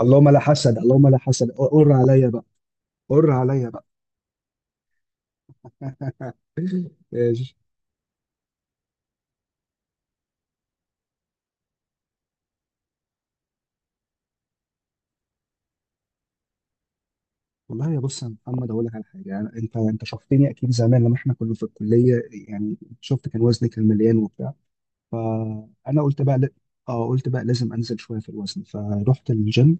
اللهم لا حسد، اللهم لا حسد، قر عليا بقى، قر عليا بقى. ماشي. والله يا بص يا محمد اقول لك على حاجه، يعني انت شفتني اكيد زمان لما احنا كنا في الكليه، يعني شفت كان وزني مليان وبتاع. فانا قلت بقى ل... اه قلت بقى لازم انزل شويه في الوزن، فرحت الجيم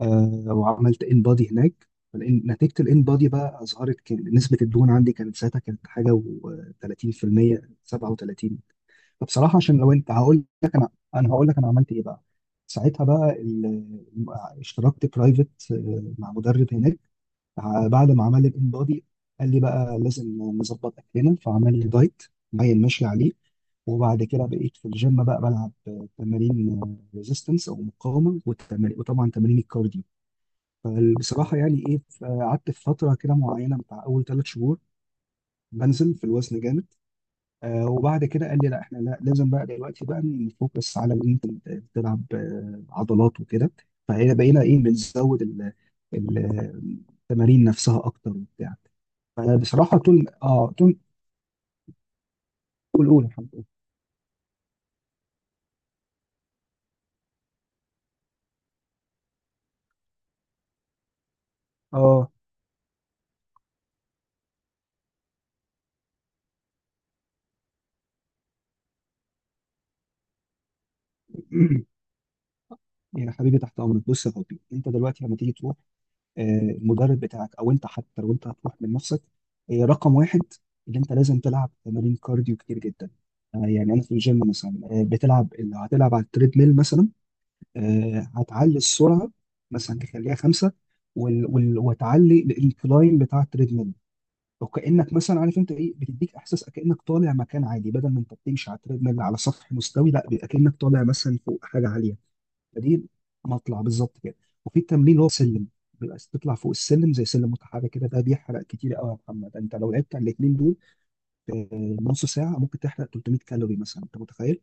وعملت ان بادي هناك. فالإن- نتيجه الان بادي بقى اظهرت كان نسبه الدهون عندي، كانت ساعتها كانت حاجه و30% 37. فبصراحه عشان لو انت هقول لك انا انا هقول لك انا عملت ايه بقى. ساعتها اشتركت برايفت مع مدرب هناك. بعد ما عمل الان بودي قال لي بقى لازم نظبط اكلنا، فعمل لي دايت باين ماشي عليه. وبعد كده بقيت في الجيم بقى بلعب تمارين ريزيستنس او مقاومه، والتمارين وطبعا تمارين الكارديو. فبصراحه يعني ايه، قعدت في فتره كده معينه بتاع اول ثلاث شهور بنزل في الوزن جامد. وبعد كده قال لي لا احنا لا لازم بقى دلوقتي بقى نفوكس على ان انت تلعب عضلات وكده. فهنا بقينا ايه، بنزود ال- التمارين نفسها اكتر وبتاع. فبصراحه تون. قول يا حبيبي. اه. يا حبيبي تحت امرك. بص يا حبيبي، انت دلوقتي لما تيجي تروح المدرب بتاعك، او انت حتى لو انت هتروح من نفسك، رقم واحد اللي انت لازم تلعب تمارين كارديو كتير جدا. يعني انا في الجيم مثلا، بتلعب لو هتلعب على التريد ميل مثلا. هتعلي السرعه، مثلا تخليها خمسه، وتعلي الكلايم بتاع التريدميل. وكانك مثلا عارف انت ايه، بتديك احساس كانك طالع مكان عادي، بدل ما انت بتمشي على التريدميل على سطح مستوي، لا بيبقى كانك طالع مثلا فوق حاجه عاليه. فدي مطلع بالظبط كده. وفي التمرين اللي هو سلم، بيبقى تطلع فوق السلم زي سلم متحرك كده، ده بيحرق كتير قوي يا محمد. انت لو لعبت على الاثنين دول في نص ساعه ممكن تحرق 300 كالوري مثلا، انت متخيل؟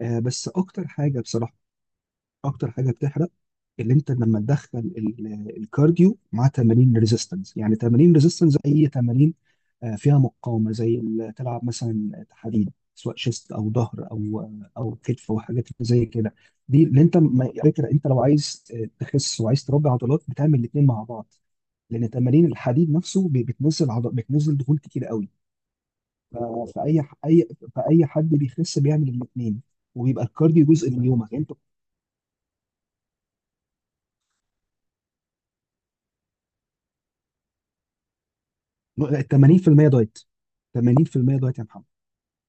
آه بس اكتر حاجه بصراحه، اكتر حاجه بتحرق اللي انت لما تدخل الكارديو مع تمارين ريزيستنس. يعني تمارين ريزيستنس اي تمارين فيها مقاومه، زي تلعب مثلا تحديد، سواء شيست او ظهر او كتف وحاجات زي كده. دي اللي انت على فكره انت لو عايز تخس وعايز تربي عضلات بتعمل الاثنين مع بعض، لان تمارين الحديد نفسه بتنزل عضل، بتنزل دهون كتير قوي. ف- فاي ح- اي فاي حد بيخس بيعمل الاثنين، وبيبقى الكارديو جزء من يومك. يعني انت 80% دايت 80% دايت يا محمد.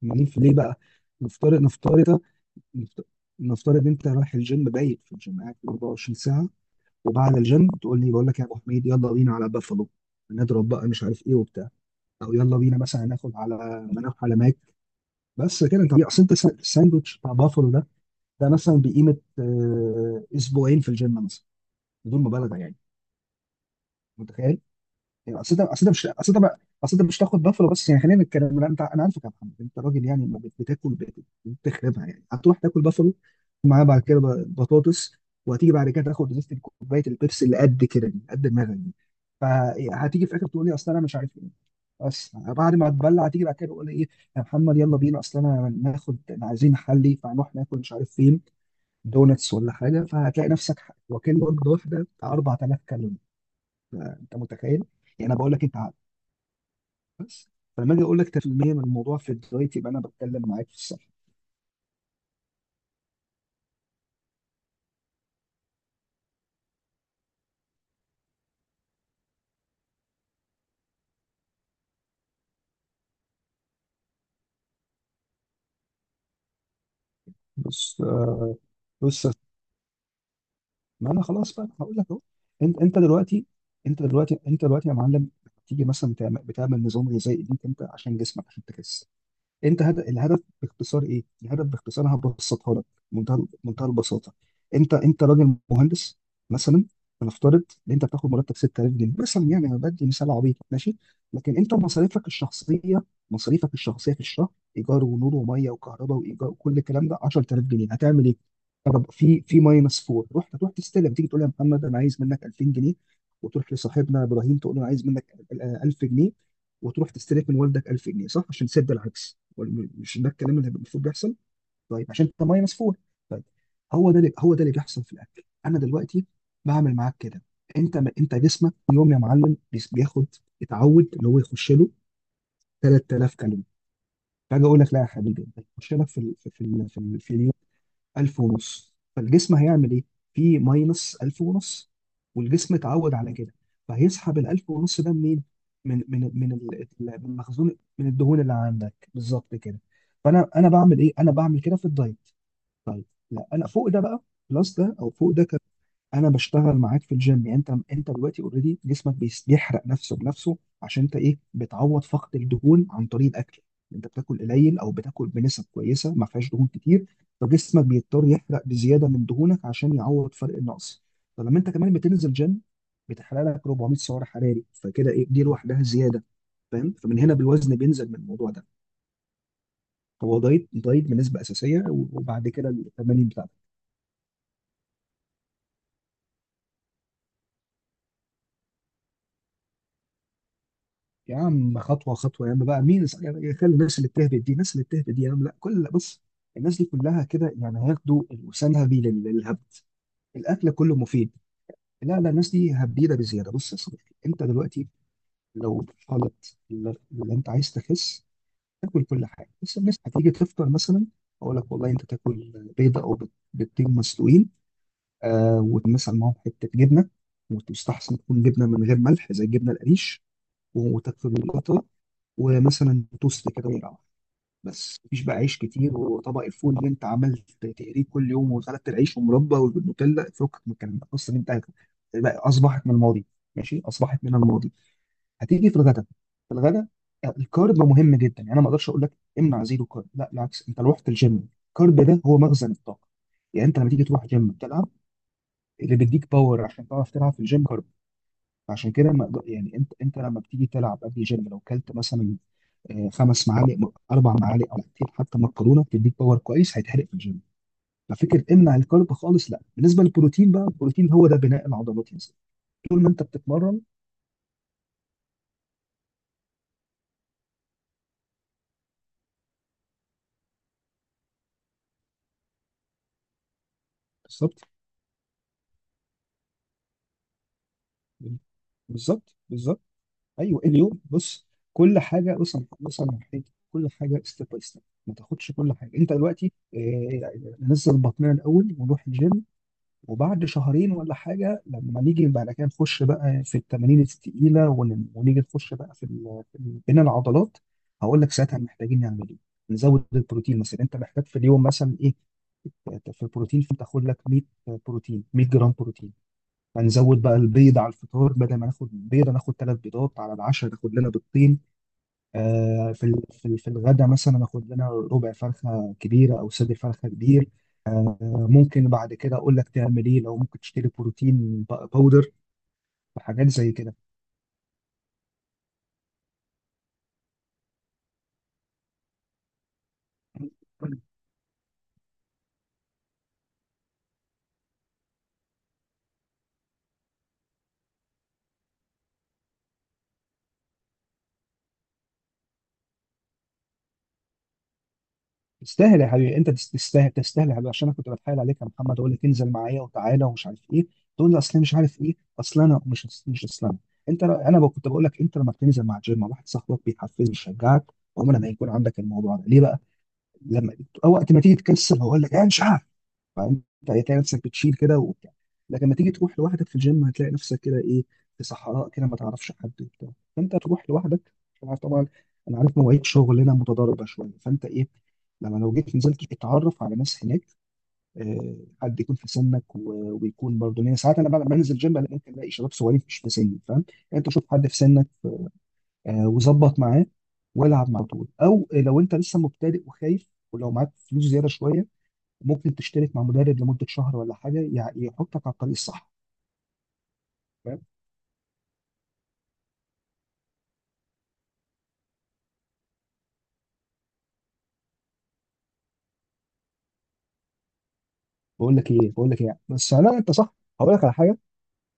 80 ليه بقى؟ نفترض نفترض نفت- نفترض ان انت رايح الجيم، بايت في الجيم قاعد 24 ساعه، وبعد الجيم تقول لي بقول لك يا ابو حميد يلا بينا على بافالو، نضرب بقى مش عارف ايه وبتاع، او يلا بينا مثلا ناخد على نروح على ماك. بس كده انت اصل انت الساندوتش بتاع بافالو ده، ده مثلا بقيمه اسبوعين في الجيم مثلا، بدون مبالغه يعني، متخيل؟ يعني اصل ده اصل ده مش تاخد بافلو بس يعني، خلينا نتكلم، لا انت انا عارفك يا محمد، انت راجل يعني، ما بت- بتاكل بت- بتخربها يعني، هتروح تاكل بافلو معاه بعد كده بطاطس. وهتيجي بعد كده تاخد ازازه كوبايه البيبسي اللي قد كده، دي قد دماغك دي. فهتيجي في الاخر تقول لي اصل انا مش عارف ايه، بس بعد ما اتبلع هتيجي بعد كده تقول لي ايه، يا محمد يلا بينا اصل انا ناخد، انا عايزين محلي، فهنروح ناكل مش عارف فين، دونتس ولا حاجه. فهتلاقي نفسك واكل وجبه واحده بتاع 4000 كالوري، فانت متخيل؟ يعني انا بقول لك انت بس، فلما اجي اقول لك 100% من الموضوع في الدايت يبقى انا بتكلم معاك في الصح. بص آه، بص ما انا خلاص بقى هقول لك اهو. انت انت دلوقتي انت دلوقتي يا معلم تيجي مثلا بتعمل نظام غذائي ليك انت، عشان جسمك عشان تخس. الهدف باختصار ايه؟ الهدف باختصار أنا هبسطها لك بمنتهى منتهى البساطه. انت انت راجل مهندس مثلا، هنفترض ان انت بتاخد مرتب 6000 جنيه مثلا، يعني انا بدي مثال عبيط ماشي. لكن انت مصاريفك الشخصيه في الشهر، ايجار ونور وميه وكهرباء وايجار وكل الكلام ده 10000 جنيه، هتعمل ايه؟ طب في ماينس 4، رحت تروح تستلم تيجي تقول يا محمد انا عايز منك 2000 جنيه، وتروح لصاحبنا ابراهيم تقول له انا عايز منك 1000 جنيه، وتروح تستلف من والدك 1000 جنيه، صح؟ عشان تسد العكس. مش ده الكلام اللي المفروض بيحصل؟ طيب عشان انت ميه مسفوح. طيب هو ده اللي بيحصل في الاكل. انا دلوقتي بعمل معاك كده. انت انت جسمك كل يوم يا معلم بياخد، اتعود اللي هو يخش له 3000 كالوري، فاجي اقول لك لا يا حبيبي ده يخش لك في اليوم 1000 ونص، فالجسم هيعمل ايه؟ في ماينس 1000 ونص، والجسم اتعود على كده. فهيسحب ال 1000 ونص ده منين؟ من المخزون من الدهون اللي عندك، بالظبط كده. فانا بعمل ايه؟ انا بعمل كده في الدايت. طيب لا انا فوق ده بقى، بلس ده او فوق ده. انا بشتغل معاك في الجيم، يعني انت دلوقتي اوريدي جسمك بيحرق نفسه بنفسه، عشان انت ايه، بتعوض فقد الدهون عن طريق الاكل. انت بتاكل قليل او بتاكل بنسب كويسه ما فيهاش دهون كتير، فجسمك بيضطر يحرق بزياده من دهونك عشان يعوض فرق النقص. فلما انت كمان بتنزل جيم بتحرق لك 400 سعر حراري، فكده ايه دي لوحدها زياده؟ فاهم، فمن هنا بالوزن بينزل من الموضوع ده. هو دايت، دايت بنسبه اساسيه، وبعد كده التمارين بتاعتك. يا عم خطوه خطوه يا عم بقى. مين يعني خلي الناس اللي بتهبد دي، الناس اللي بتهبد دي يا عم، لا كل. بص الناس دي كلها كده يعني، هياخدوا الوسنهبي للهبد. الاكل كله مفيد. لا لا الناس دي هبيده بزياده. بص يا صديقي، انت دلوقتي لو في حاله اللي انت عايز تخس، تاكل كل حاجه. بس الناس هتيجي تفطر مثلا، اقول لك والله انت تاكل بيضه او بيضتين مسلوقين، آه ومثلا معاهم حته جبنه، وتستحسن تكون جبنه من غير ملح زي الجبنه القريش، وتكتب القطة، ومثلا توست كده ويبقى. بس مفيش بقى عيش كتير وطبق الفول اللي انت عملت تقليه كل يوم وخلطت العيش ومربى والنوتيلا، فكك من الكلام ده اصلا. بقى اصبحت من الماضي، ماشي، اصبحت من الماضي. هتيجي في الغداء في الغداء الكارب مهم جدا. يعني انا ما اقدرش اقول لك امنع زيرو كارب، لا بالعكس، انت لو رحت الجيم الكارب ده هو مخزن الطاقه. يعني انت لما تيجي تروح جيم تلعب، اللي بيديك باور عشان تعرف تلعب في الجيم كارب. عشان كده ما أقدر- يعني انت انت لما بتيجي تلعب قبل الجيم لو كلت مثلا اربع معالق مقتين حتى مكرونه، تديك باور كويس هيتحرق في الجيم. ففكره امنع الكارب خالص لا. بالنسبه للبروتين بقى، البروتين هو ده بناء العضلات يا سيدي، طول ما انت بتتمرن. بالظبط، بالظبط بالظبط. ايوه اليوم بص، كل حاجه. بص انا هحكي، كل حاجه ستيب باي ستيب، ما تاخدش كل حاجه انت دلوقتي. نزل بطننا الاول ونروح الجيم، وبعد شهرين ولا حاجه لما نيجي بعد كده نخش بقى في التمارين التقيله، ونيجي نخش بقى في بين العضلات، هقول لك ساعتها محتاجين نعمل ايه. نزود البروتين مثلا. انت محتاج في اليوم مثلا ايه في البروتين؟ فتاخد لك 100 بروتين، 100 جرام بروتين. فنزود بقى البيض على الفطار، بدل ما ناخد بيضه ناخد ثلاث بيضات، على العشاء ناخد لنا بيضتين، في في الغدا مثلا اخد لنا ربع فرخه كبيره او صدر فرخه كبير. آه، ممكن بعد كده اقول لك تعمل ايه لو ممكن تشتري بروتين باودر وحاجات زي كده. تستاهل يا حبيبي، انت تستاهل تستاهل يا حبيبي، عشان انا كنت بتحايل عليك يا محمد اقول لك انزل معايا وتعالى ومش عارف ايه، تقول لي اصل أنا مش عارف ايه اصل انا مش مش اصل انا انت. انا كنت بقول لك انت لما بتنزل مع جيم مع واحد صاحبك بيحفزك ويشجعك، عمر ما يكون عندك الموضوع ده ليه بقى لما، أو وقت ما تيجي تكسل هقول لك انا مش عارف، فاهم؟ فهتلاقي نفسك بتشيل كده وبتاع. لكن لما تيجي تروح لوحدك في الجيم هتلاقي نفسك كده ايه، في صحراء كده ما تعرفش حد وبتاع، فانت تروح لوحدك عشان عارف طبعا. انا عارف مواعيد شغلنا متضاربه شويه، فانت ايه لما لو جيت نزلت اتعرف على ناس هناك، آه، حد يكون في سنك ويكون برضه، لان ساعات انا بعد ما بنزل جيم أنا ممكن الاقي شباب صغيرين مش في سني، فاهم يعني. انت شوف حد في سنك وظبط معاه والعب معاه على طول. او لو انت لسه مبتدئ وخايف ولو معاك فلوس زياده شويه ممكن تشترك مع مدرب لمده شهر ولا حاجه، يحطك على الطريق الصح، فاهم. بقول لك ايه بس، لا انت صح. هقول لك على حاجه،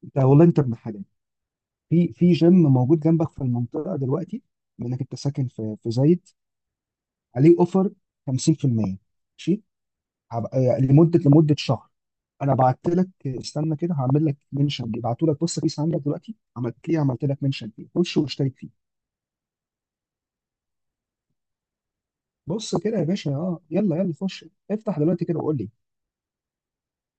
انت والله انت ابن حاجه. في جيم موجود جنبك في المنطقه دلوقتي منك، انت ساكن في في زايد، عليه اوفر 50%، ماشي؟ لمده شهر. انا بعت لك، استنى كده هعمل لك منشن دي، بعته لك، بص بيس عندك دلوقتي، عملت ليه عملت لك منشن فيه، خش واشترك فيه. بص كده يا باشا، اه يلا يلا خش، افتح دلوقتي كده وقول لي.